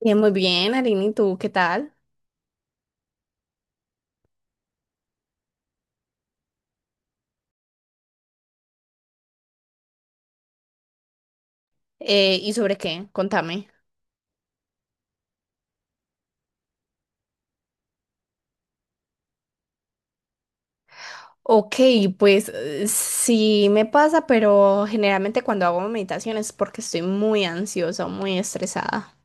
Muy bien, Arini, ¿y tú qué tal? ¿Y sobre qué? Contame. Ok, pues sí me pasa, pero generalmente cuando hago meditación es porque estoy muy ansiosa, o muy estresada.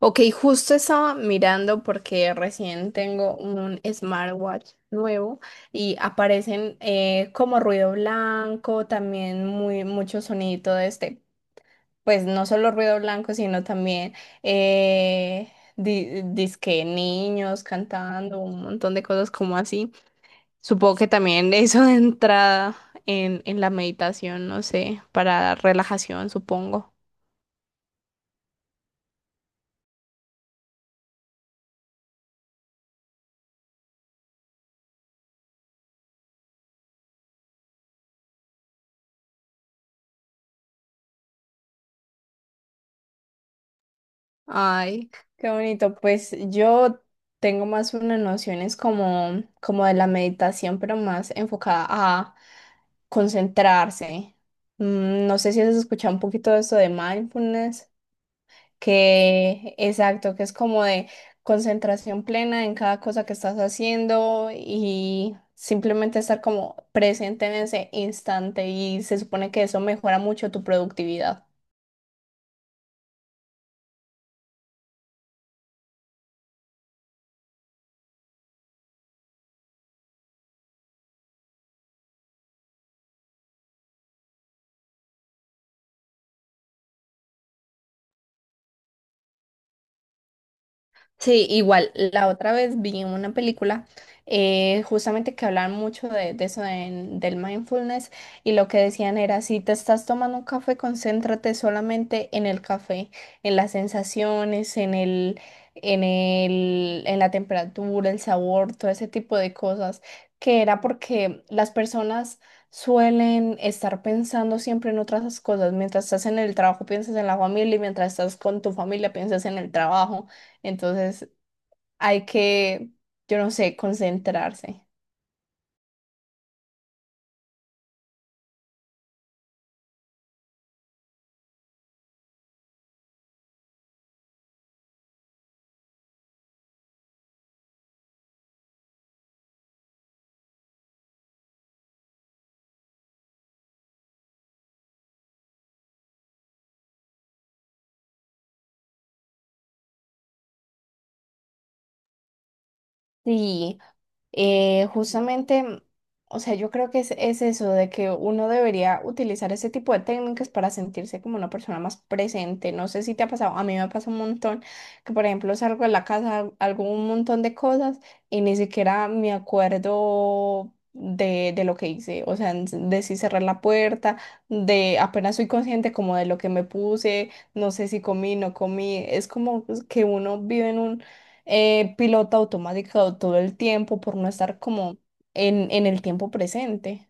Ok, justo estaba mirando porque recién tengo un smartwatch nuevo y aparecen como ruido blanco, también muy mucho sonido de este. Pues no solo ruido blanco, sino también dizque niños cantando, un montón de cosas como así. Supongo que también eso de entrada en la meditación, no sé, para relajación, supongo. Ay, qué bonito. Pues yo tengo más unas nociones como, como de la meditación, pero más enfocada a concentrarse. Mm, no sé si has escuchado un poquito de eso de mindfulness. Que, exacto, que es como de concentración plena en cada cosa que estás haciendo y simplemente estar como presente en ese instante, y se supone que eso mejora mucho tu productividad. Sí, igual, la otra vez vi una película, justamente, que hablaban mucho de, eso del mindfulness, y lo que decían era, si te estás tomando un café, concéntrate solamente en el café, en las sensaciones, en la temperatura, el sabor, todo ese tipo de cosas, que era porque las personas suelen estar pensando siempre en otras cosas: mientras estás en el trabajo piensas en la familia y mientras estás con tu familia piensas en el trabajo. Entonces hay que, yo no sé, concentrarse. Sí. Justamente, mm, o sea, yo creo que es eso de que uno debería utilizar ese tipo de técnicas para sentirse como una persona más presente. No sé si te ha pasado, a mí me pasa un montón que, por ejemplo, salgo de la casa, hago un montón de cosas y ni siquiera me acuerdo de lo que hice, o sea, de si cerrar la puerta, de apenas soy consciente como de lo que me puse, no sé si comí, no comí. Es como pues, que uno vive piloto automático todo el tiempo por no estar como en el tiempo presente.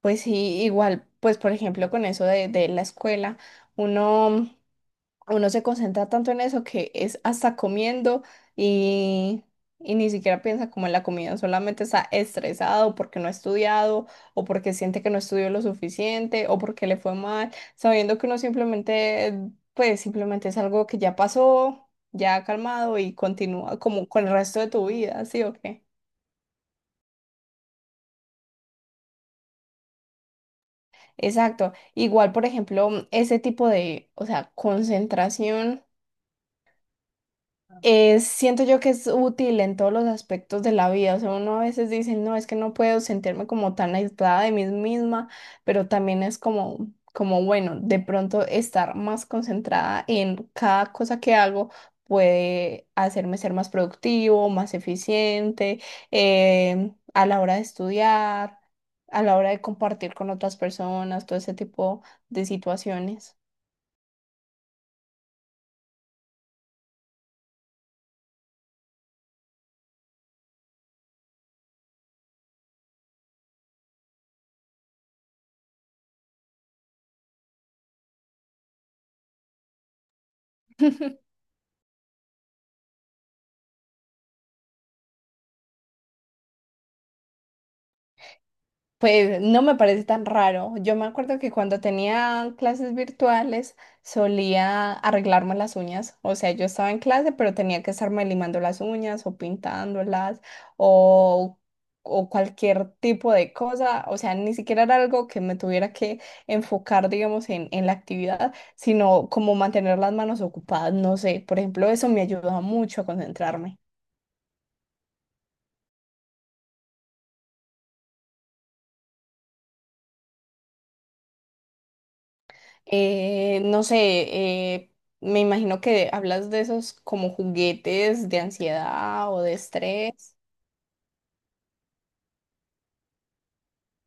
Pues sí, igual, pues por ejemplo con eso de la escuela, uno uno se concentra tanto en eso que es hasta comiendo y, y ni siquiera piensa como en la comida, solamente está estresado porque no ha estudiado o porque siente que no estudió lo suficiente o porque le fue mal, sabiendo que uno simplemente, pues simplemente es algo que ya pasó, ya ha calmado y continúa como con el resto de tu vida, ¿sí o qué? Exacto. Igual, por ejemplo, ese tipo de, o sea, concentración. Siento yo que es útil en todos los aspectos de la vida. O sea, uno a veces dice, no, es que no puedo sentirme como tan aislada de mí misma, pero también es como, como bueno, de pronto estar más concentrada en cada cosa que hago puede hacerme ser más productivo, más eficiente, a la hora de estudiar, a la hora de compartir con otras personas, todo ese tipo de situaciones. Pues no me parece tan raro. Yo me acuerdo que cuando tenía clases virtuales solía arreglarme las uñas. O sea, yo estaba en clase, pero tenía que estarme limando las uñas o pintándolas o, o cualquier tipo de cosa. O sea, ni siquiera era algo que me tuviera que enfocar, digamos, en la actividad, sino como mantener las manos ocupadas. No sé, por ejemplo, eso me ayudaba mucho a concentrarme. No sé, eh, me imagino que hablas de esos como juguetes de ansiedad o de estrés.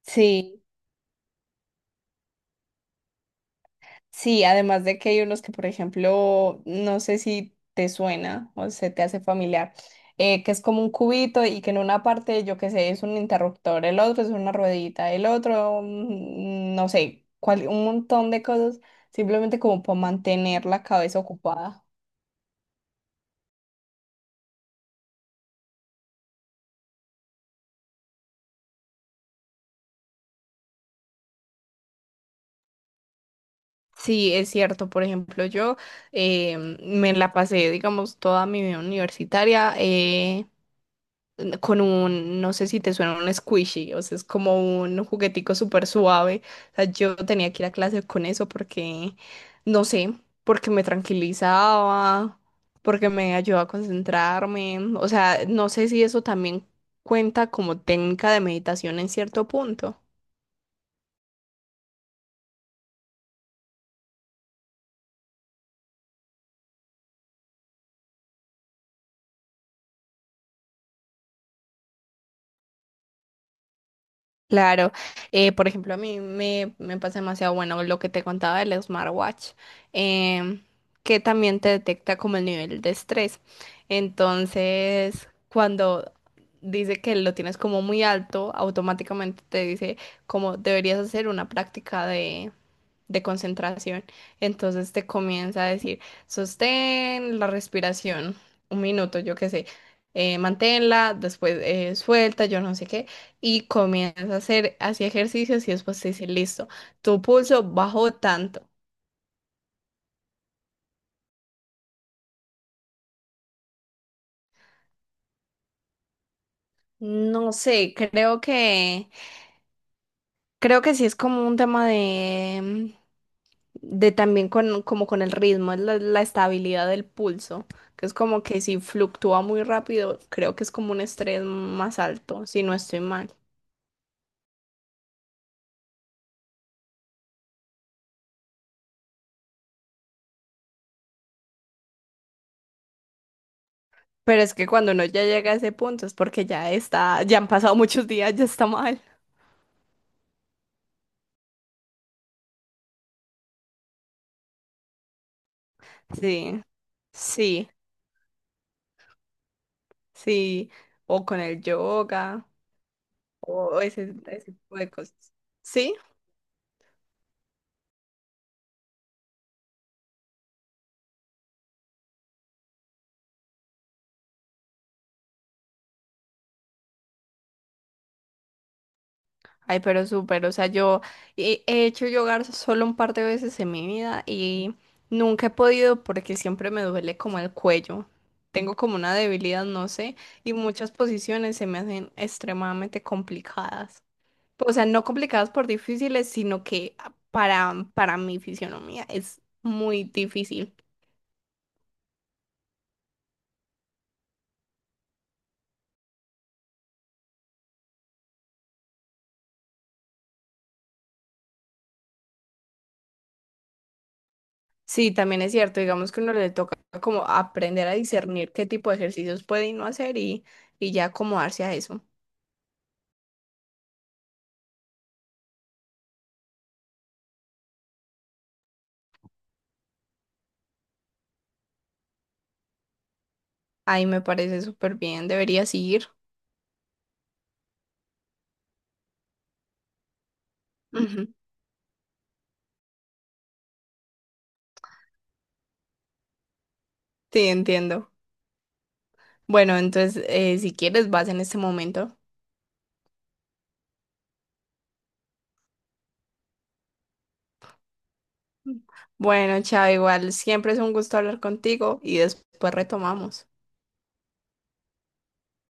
Sí, sí, además de que hay unos que, por ejemplo, no sé si te suena o se te hace familiar, que es como un cubito y que en una parte, yo qué sé, es un interruptor, el otro es una ruedita, el otro, mm, no sé, un montón de cosas, simplemente como para mantener la cabeza ocupada. Sí, es cierto. Por ejemplo, yo me la pasé, digamos, toda mi vida universitaria, con un, no sé si te suena, un squishy, o sea, es como un juguetico súper suave. O sea, yo tenía que ir a clase con eso porque, no sé, porque me tranquilizaba, porque me ayudaba a concentrarme. O sea, no sé si eso también cuenta como técnica de meditación en cierto punto. Claro, por ejemplo, a mí me, me pasa demasiado bueno lo que te contaba del smartwatch, em, que también te detecta como el nivel de estrés. Entonces, cuando dice que lo tienes como muy alto, automáticamente te dice como deberías hacer una práctica de concentración. Entonces te comienza a decir, sostén la respiración, un minuto, yo qué sé, manténla, después suelta, yo no sé qué, y comienza a hacer así ejercicios y después te dice, listo, tu pulso bajó tanto. No sé, creo que sí es como un tema de también con, como con el ritmo, es la, la estabilidad del pulso, que es como que si fluctúa muy rápido, creo que es como un estrés más alto, si no estoy mal. Pero es que cuando uno ya llega a ese punto es porque ya está, ya han pasado muchos días, ya está mal. Sí, sí, sí. O con el yoga, o ese tipo de cosas. ¿Sí? Ay, pero súper, o sea, yo he hecho yoga solo un par de veces en mi vida y nunca he podido porque siempre me duele como el cuello. Tengo como una debilidad, no sé, y muchas posiciones se me hacen extremadamente complicadas. O sea, no complicadas por difíciles, sino que para mi fisionomía es muy difícil. Sí, también es cierto, digamos que uno le toca como aprender a discernir qué tipo de ejercicios puede y no hacer y ya acomodarse a eso. Ay, me parece súper bien, deberías ir. Ujú. Sí, entiendo. Bueno, entonces, si quieres, vas en este momento. Bueno, chao, igual, siempre es un gusto hablar contigo y después retomamos.